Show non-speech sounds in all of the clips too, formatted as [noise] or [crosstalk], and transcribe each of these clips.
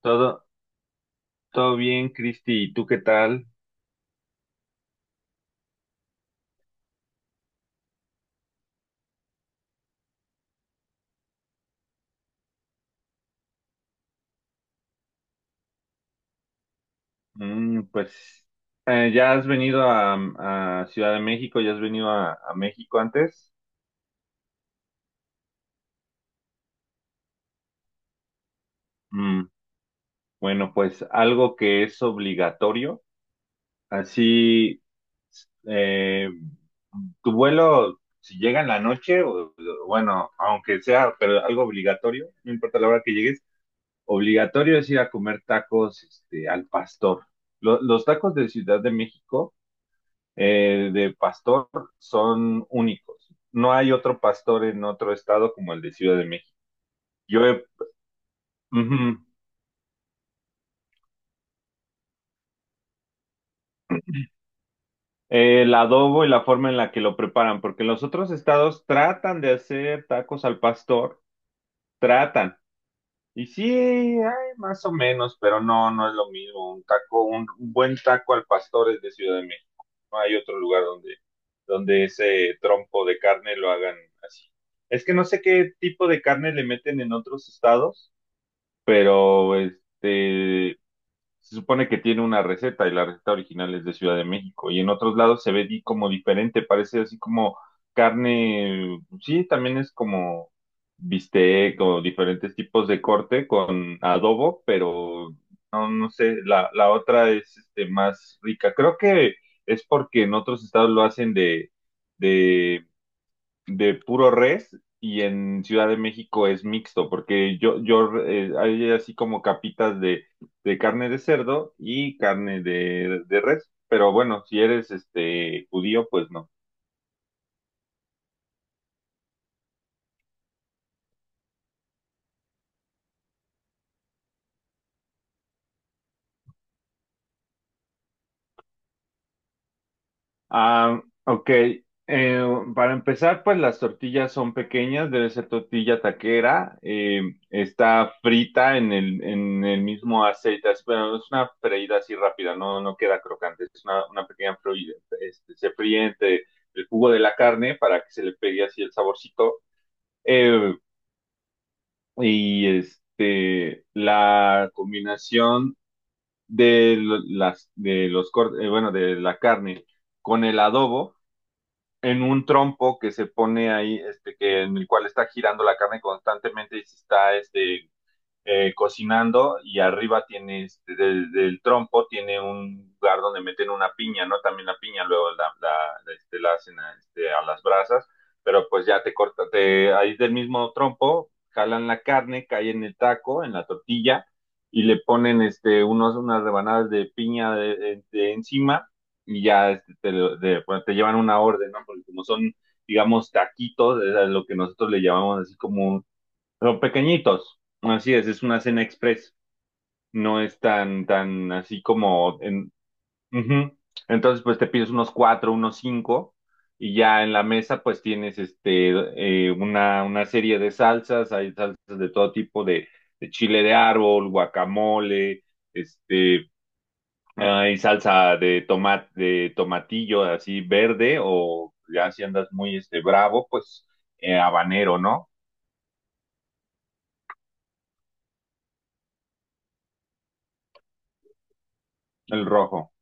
Todo, todo bien, Cristi. ¿Y tú qué tal? Mm, pues, ¿Ya has venido a Ciudad de México? ¿Ya has venido a México antes? Mm, bueno, pues algo que es obligatorio. Así, eh, Tu vuelo, si llega en la noche, o bueno, aunque sea, pero algo obligatorio, no importa la hora que llegues, obligatorio es ir a comer tacos, este, al pastor. Los tacos de Ciudad de México, de pastor son únicos. No hay otro pastor en otro estado como el de Ciudad de México. Yo he- Ujú, el adobo y la forma en la que lo preparan, porque los otros estados tratan de hacer tacos al pastor, tratan. Y sí, hay más o menos, pero no, no es lo mismo. Un buen taco al pastor es de Ciudad de México. No hay otro lugar donde, donde ese trompo de carne lo hagan así. Es que no sé qué tipo de carne le meten en otros estados, pero se supone que tiene una receta y la receta original es de Ciudad de México y en otros lados se ve como diferente, parece así como carne, sí, también es como bistec o diferentes tipos de corte con adobo, pero no, no sé, la otra es este, más rica. Creo que es porque en otros estados lo hacen de de puro res y en Ciudad de México es mixto, porque yo hay así como capitas de carne de cerdo y carne de res, pero bueno, si eres este judío, pues no. Ah, ok. Eh, para empezar, pues las tortillas son pequeñas, debe ser tortilla taquera. Está frita en el mismo aceite, pero es una freída así rápida, no, no queda crocante, es una pequeña freída. Este, se fríe entre el jugo de la carne para que se le pegue así el saborcito. eh, y este, la combinación las, de los cortes, bueno, de la carne con el adobo en un trompo que se pone ahí, este, que en el cual está girando la carne constantemente y se está cocinando y arriba tiene, este, del, del trompo tiene un lugar donde meten una piña, ¿no? También la piña luego la hacen a, este, a las brasas, pero pues ya te corta, te, ahí del mismo trompo jalan la carne, cae en el taco, en la tortilla y le ponen este, unas rebanadas de piña de encima y ya bueno, te llevan una orden, ¿no? Porque como son digamos, taquitos, es a lo que nosotros le llamamos así como son pequeñitos, así es una cena express, no es tan, tan así como en... Ujú. Entonces, pues te pides unos cuatro, unos cinco, y ya en la mesa, pues tienes una serie de salsas, hay salsas de todo tipo, de chile de árbol, guacamole, este, hay salsa de tomate, de tomatillo así verde, o ya si andas muy este, bravo, pues habanero, ¿no? El rojo.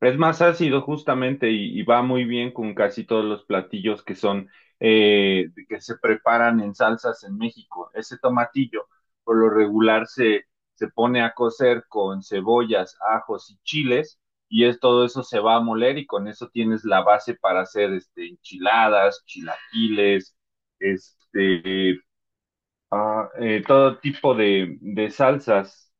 Es más ácido justamente y va muy bien con casi todos los platillos que son que se preparan en salsas en México. Ese tomatillo por lo regular se pone a cocer con cebollas, ajos y chiles y es todo eso se va a moler y con eso tienes la base para hacer este, enchiladas, chilaquiles, este, todo tipo de salsas.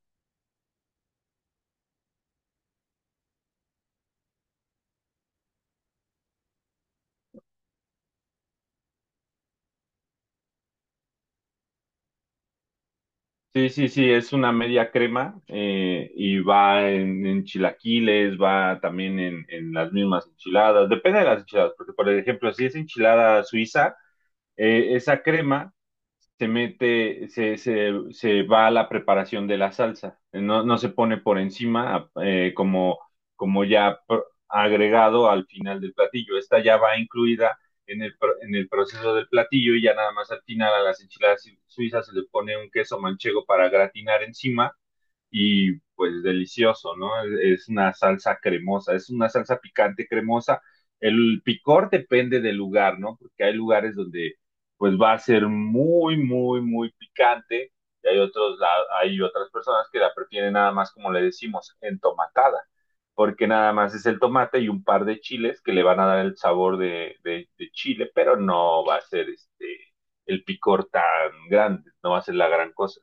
Sí, sí, sí, es una media crema y va en chilaquiles, va también en las mismas enchiladas, depende de las enchiladas, porque por ejemplo, si es enchilada suiza, esa crema se mete, se va a la preparación de la salsa, no, no se pone por encima como, como ya pr- agregado al final del platillo, esta ya va incluida en el, en el proceso del platillo y ya nada más al final a las enchiladas suizas se le pone un queso manchego para gratinar encima y pues delicioso, ¿no? Es una salsa cremosa, es una salsa picante cremosa. El picor depende del lugar, ¿no? Porque hay lugares donde pues va a ser muy, muy, muy picante y hay otros, hay otras personas que la prefieren nada más, como le decimos, entomatada, porque nada más es el tomate y un par de chiles que le van a dar el sabor de chile, pero no va a ser el picor tan grande, no va a ser la gran cosa.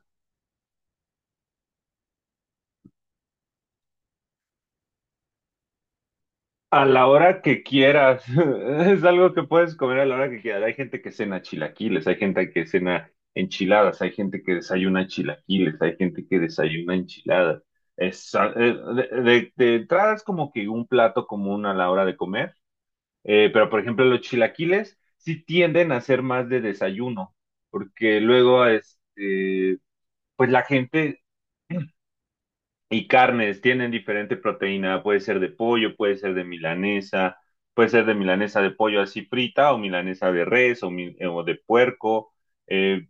A la hora que quieras. [laughs] Es algo que puedes comer a la hora que quieras. Hay gente que cena chilaquiles, hay gente que cena enchiladas, hay gente que desayuna chilaquiles, hay gente que desayuna enchiladas. Es, a- de- De entrada es como que un plato común a la hora de comer, pero por ejemplo los chilaquiles sí tienden a ser más de desayuno, porque luego pues la gente y carnes tienen diferente proteína, puede ser de pollo, puede ser de milanesa, puede ser de milanesa de pollo así frita o milanesa de res o o de puerco. eh,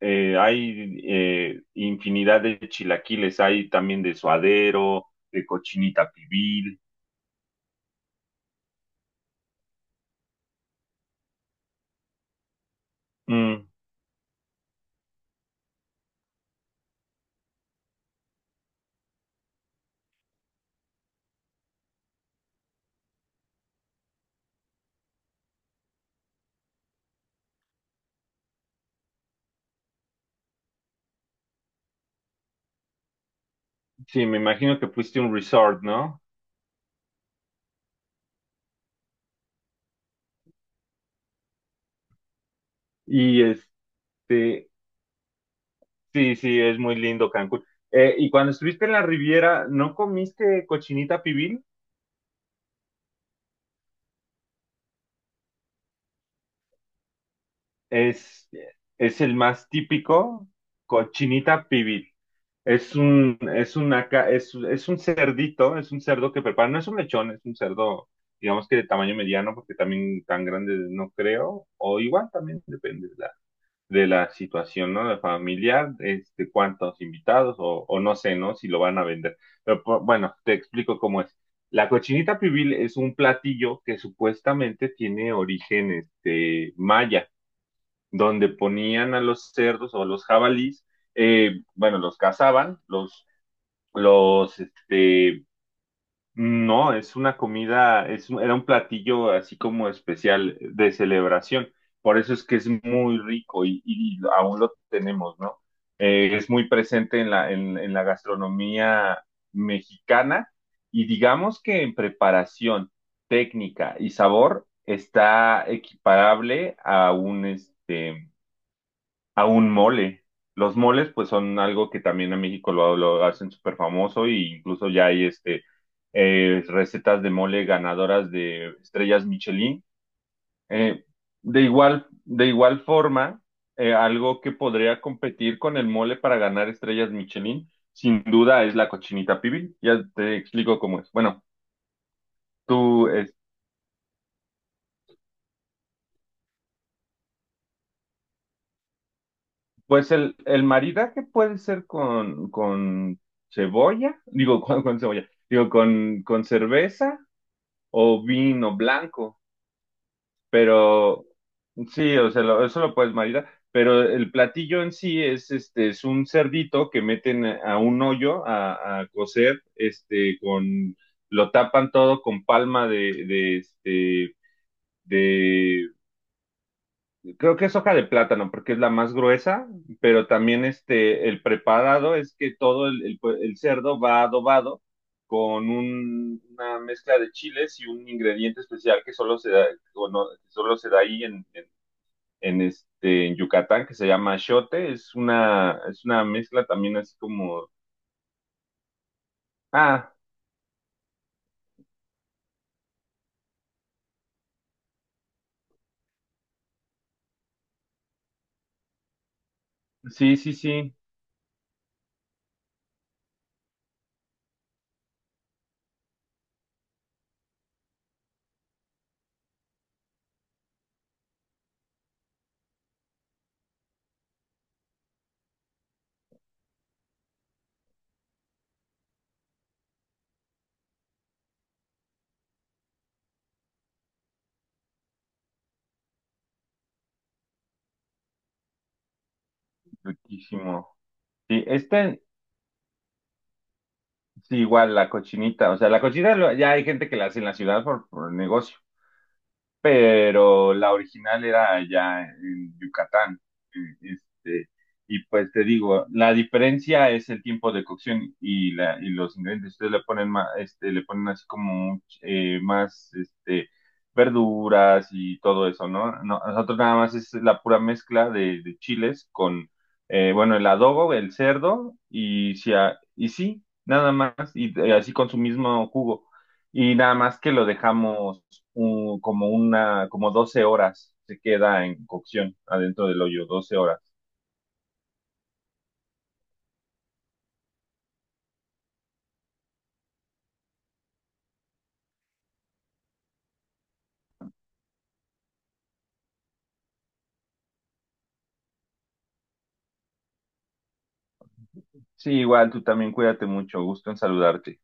hay infinidad de chilaquiles, hay también de suadero, de cochinita pibil. Mm, sí, me imagino que fuiste a un resort, ¿no? Y este, sí, sí, es muy lindo Cancún. Y cuando estuviste en la Riviera, ¿no comiste cochinita pibil? es, es el más típico, cochinita pibil. Es una, es un cerdito, es un cerdo que preparan, no es un lechón, es un cerdo, digamos que de tamaño mediano, porque también tan grande no creo, o igual también depende de de la situación, ¿no? De familiar, este, cuántos invitados, o no sé, ¿no? Si lo van a vender. Pero bueno, te explico cómo es. La cochinita pibil es un platillo que supuestamente tiene origen, este, maya donde ponían a los cerdos o a los jabalís, bueno, los cazaban, los, este, no, es una comida, era un platillo así como especial de celebración. Por eso es que es muy rico y aún lo tenemos, ¿no? Es muy presente en en la gastronomía mexicana y digamos que en preparación, técnica y sabor está equiparable a un, este, a un mole. Los moles, pues, son algo que también en México lo hacen súper famoso e incluso ya hay recetas de mole ganadoras de estrellas Michelin. Eh, de igual, de igual forma, algo que podría competir con el mole para ganar estrellas Michelin, sin duda, es la cochinita pibil. Ya te explico cómo es. Bueno, tú, pues el maridaje puede ser con cebolla, digo, [laughs] con cebolla, digo, con cerveza o vino blanco, pero sí, o sea, eso lo puedes maridar, pero el platillo en sí es, este, es un cerdito que meten a un hoyo a cocer, este, con, lo tapan todo con palma de creo que es hoja de plátano porque es la más gruesa, pero también este, el preparado es que todo pues, el cerdo va adobado con una mezcla de chiles y un ingrediente especial que solo se da, o no, que solo se da ahí este, en Yucatán, que se llama achiote. Es una mezcla también así como... Ah, sí, sí, sí, riquísimo. Sí, este, sí, igual la cochinita, o sea, la cochinita ya hay gente que la hace en la ciudad por negocio, pero la original era allá en Yucatán. eh, Este, y pues te digo, la diferencia es el tiempo de cocción y los ingredientes. Ustedes le ponen más, este, le ponen así como más este, verduras y todo eso, ¿no? No, nosotros nada más es la pura mezcla de chiles con, bueno, el adobo, el cerdo y, y sí, nada más, así con su mismo jugo. Y nada más que lo dejamos como 12 horas se queda en cocción adentro del hoyo, 12 horas. Sí, igual tú también cuídate mucho, gusto en saludarte.